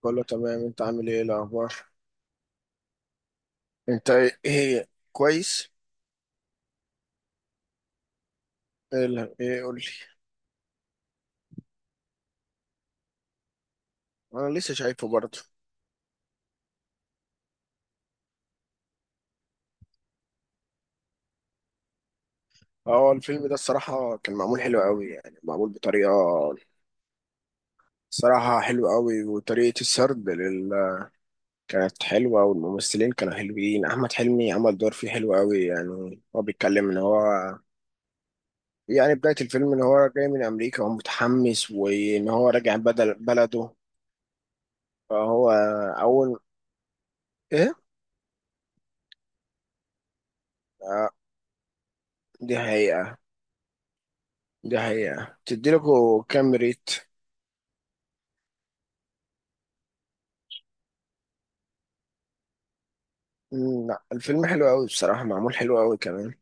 كله تمام، انت عامل ايه الاخبار؟ انت ايه؟ ايه كويس ايه قول لي. انا لسه شايفه برضه. هو الفيلم ده الصراحه كان معمول حلو قوي، يعني معمول بطريقه صراحه حلوه قوي. وطريقه السرد لل... كانت حلوه، والممثلين كانوا حلوين. احمد حلمي عمل دور فيه حلو قوي. يعني هو بيتكلم ان هو، يعني بدايه الفيلم، ان هو جاي من امريكا وهو متحمس وان هو راجع بدل بلده. فهو اول ايه؟ آه، دي حقيقة. دي حقيقة تديلكوا كام ريت. مم، لا الفيلم حلو قوي بصراحة، معمول حلو قوي كمان.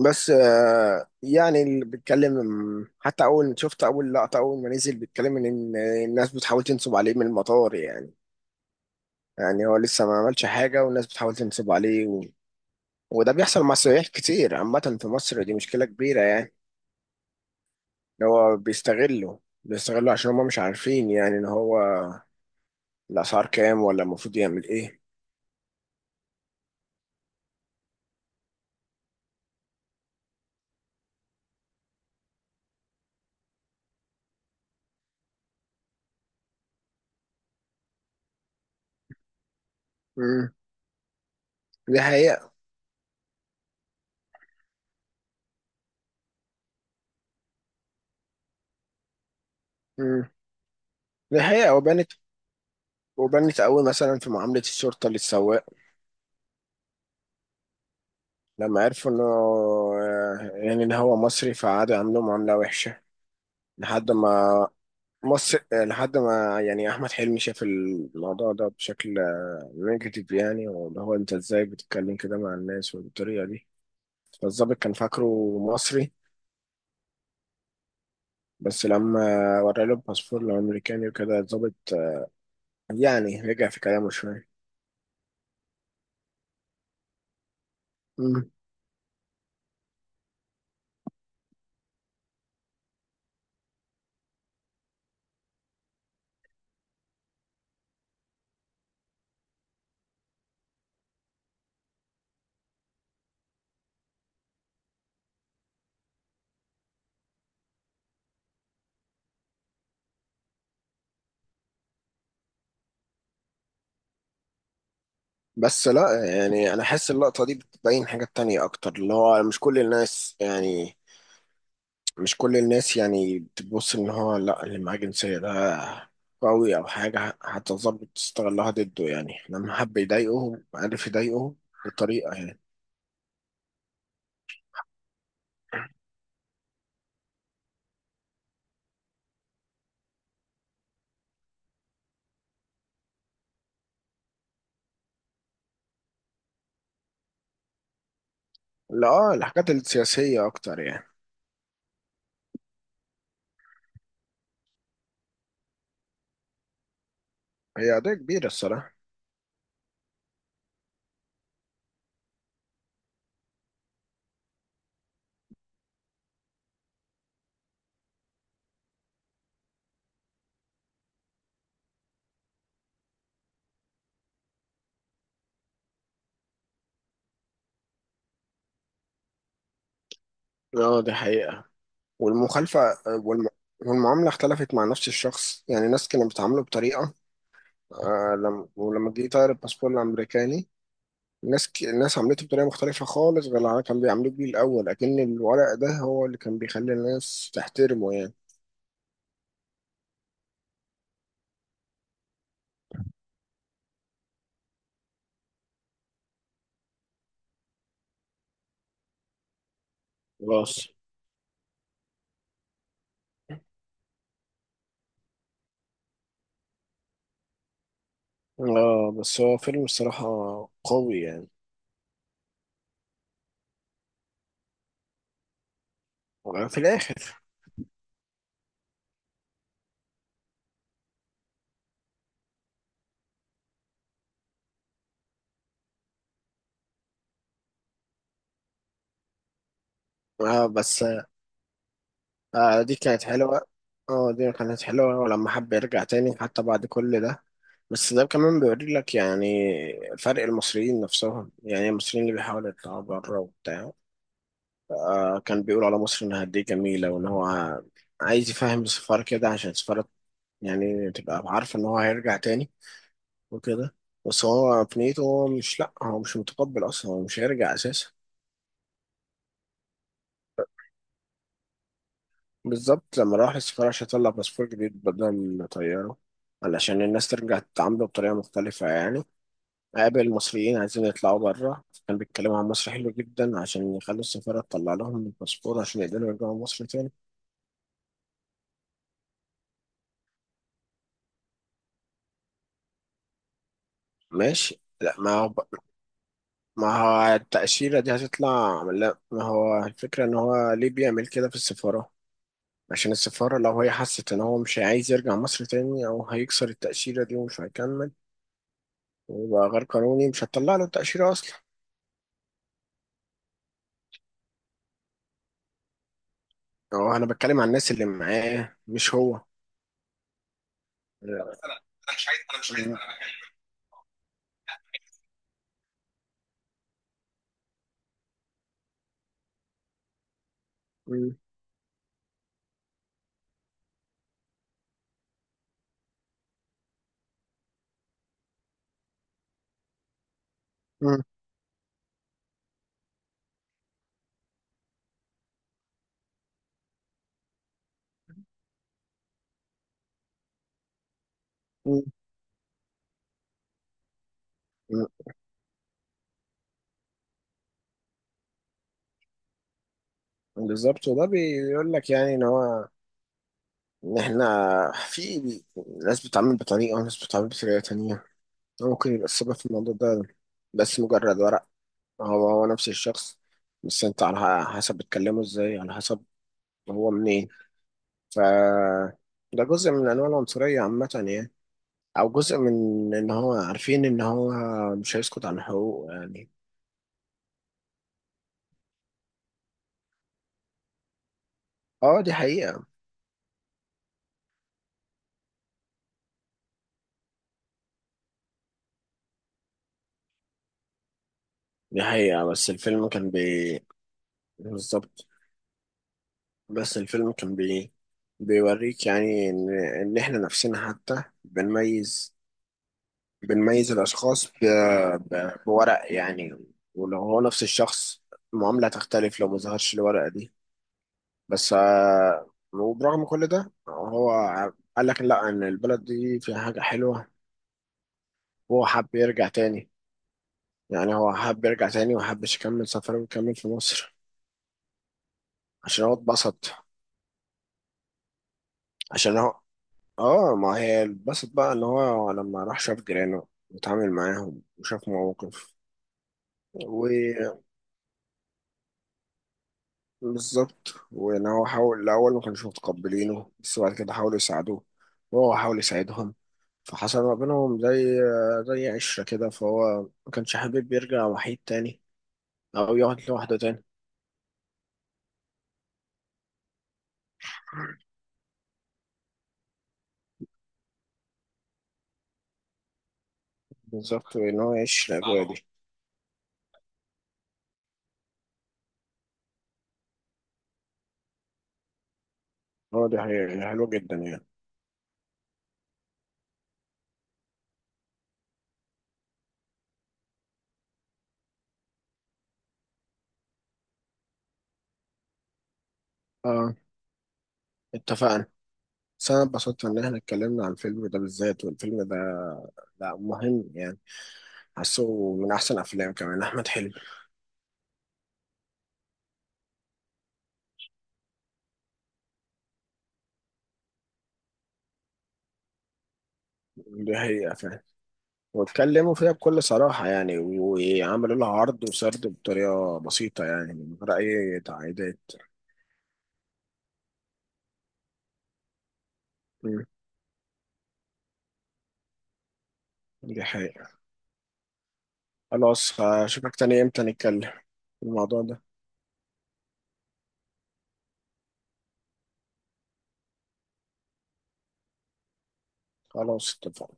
بس يعني اللي بيتكلم، حتى أول شفت أول لقطة أول ما نزل بيتكلم إن الناس بتحاول تنصب عليه من المطار يعني. يعني هو لسه ما عملش حاجة والناس بتحاول تنصب عليه و... وده بيحصل مع السياح كتير عامة في مصر، دي مشكلة كبيرة يعني. إن هو بيستغله بيستغله عشان هما مش عارفين، يعني إن هو الأسعار كام ولا المفروض يعمل إيه. مم، دي حقيقة. مم. دي حقيقة. وبانت وبنت قوي مثلا في معاملة الشرطة للسواق، لما عرفوا انه يعني ان هو مصري فقعدوا يعملوا معاملة وحشة لحد ما مصر لحد ما، يعني احمد حلمي شاف الموضوع ده بشكل نيجاتيف يعني. واللي هو انت ازاي بتتكلم كده مع الناس والطريقة دي؟ فالظابط كان فاكره مصري، بس لما ورى له الباسبور الامريكاني وكده الظابط يعني رجع في كلامه شوية. بس لا، يعني انا حاسس اللقطه دي بتبين حاجات تانية اكتر، اللي هو مش كل الناس يعني، مش كل الناس يعني بتبص ان هو لا اللي معاه جنسيه ده قوي او حاجه هتظبط تستغلها ضده. يعني لما حب يضايقهم عارف يضايقهم بطريقه يعني. لا اه، الحاجات السياسيه اكتر يعني. هي قضيه كبيره الصراحه. اه دي حقيقه. والمخالفه، والم... والمعامله اختلفت مع نفس الشخص. يعني ناس كانوا بيتعاملوا بطريقه آه لما ولما جه يطير الباسبور الامريكاني، الناس ك... الناس عملته بطريقه مختلفه خالص غير اللي كان بيعملوه بيه الاول. لكن الورق ده هو اللي كان بيخلي الناس تحترمه يعني. خلاص. اه بس هو فيلم الصراحه قوي يعني. في الاخر. اه بس. آه دي كانت حلوه. اه دي كانت حلوه. ولما حب يرجع تاني حتى بعد كل ده، بس ده كمان بيوري لك، يعني فرق المصريين نفسهم يعني، المصريين اللي بيحاولوا يطلعوا بره وبتاع. آه كان بيقول على مصر انها قد ايه جميله، وان هو عايز يفهم السفارة كده، عشان السفارة يعني تبقى عارفة إن هو هيرجع تاني وكده. بس هو في نيته هو مش، لأ هو مش متقبل أصلا، هو مش هيرجع أساسا. بالظبط لما راح السفارة عشان يطلع باسبور جديد بدل من طياره، علشان الناس ترجع تتعامله بطريقة مختلفة يعني. قابل مصريين عايزين يطلعوا بره كان بيتكلموا عن مصر حلو جدا عشان يخلوا السفارة تطلع لهم الباسبور عشان يقدروا يرجعوا مصر تاني. ماشي لا، ما هو، ما هو التأشيرة دي هتطلع. لا ما هو الفكرة إن هو ليه بيعمل كده في السفارة. عشان السفارة لو هي حست إن هو مش عايز يرجع مصر تاني أو هيكسر التأشيرة دي ومش هيكمل ويبقى غير قانوني، مش هتطلع له التأشيرة أصلا. أو أنا بتكلم عن الناس اللي معاه مش هو. انا مش عايز، انا بكلم. م- م- م- بالظبط. وده بيقول لك يعني إن هو، إن إحنا في ناس بتتعامل بطريقة وناس بتتعامل بطريقة تانية. ممكن يبقى السبب في الموضوع ده بس مجرد ورق. هو هو نفس الشخص، بس أنت على حسب بتكلمه إزاي، على حسب هو منين. ف ده جزء من انواع العنصريه عامه يعني، او جزء من ان هو عارفين ان هو مش هيسكت عن حقوقه يعني. اه دي حقيقه. دي حقيقه. بس الفيلم كان بي، بالظبط. بس الفيلم كان بي بيوريك يعني ان، ان احنا نفسنا حتى بنميز، بنميز الاشخاص ب... ب... بورق يعني. ولو هو نفس الشخص المعامله تختلف لو ما ظهرش الورقه دي. بس وبرغم كل ده هو قال لك لا، ان البلد دي فيها حاجه حلوه وهو حب يرجع تاني. يعني هو حب يرجع تاني وحبش يكمل سفره ويكمل في مصر. عشان هو اتبسط. عشان هو، اه ما هي اتبسط بقى ان هو لما راح شاف جيرانه واتعامل معاهم وشاف مواقف. بالظبط، وان هو حاول الاول ما كانوش متقبلينه بس بعد كده حاولوا يساعدوه وهو حاول يساعدهم. فحصل ما بينهم زي زي عشرة كده، فهو ما كانش حابب يرجع وحيد تاني او يقعد لوحده تاني. بالظبط، وان هو يعيش الاجواء دي. هو دي حقيقة حلوة جدا يعني. اه اتفقنا. بس انا اتبسطت ان احنا اتكلمنا عن الفيلم ده بالذات، والفيلم ده لا مهم يعني، حاسه من احسن افلام كمان احمد حلمي. دي حقيقة فعلا، واتكلموا فيها بكل صراحة يعني، وعملوا لها عرض وسرد بطريقة بسيطة يعني من غير أي تعقيدات. مم. دي حقيقة. خلاص هشوفك تاني إمتى نتكلم في الموضوع ده. خلاص اتفقنا.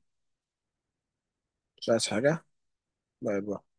مش عايز حاجة. باي باي.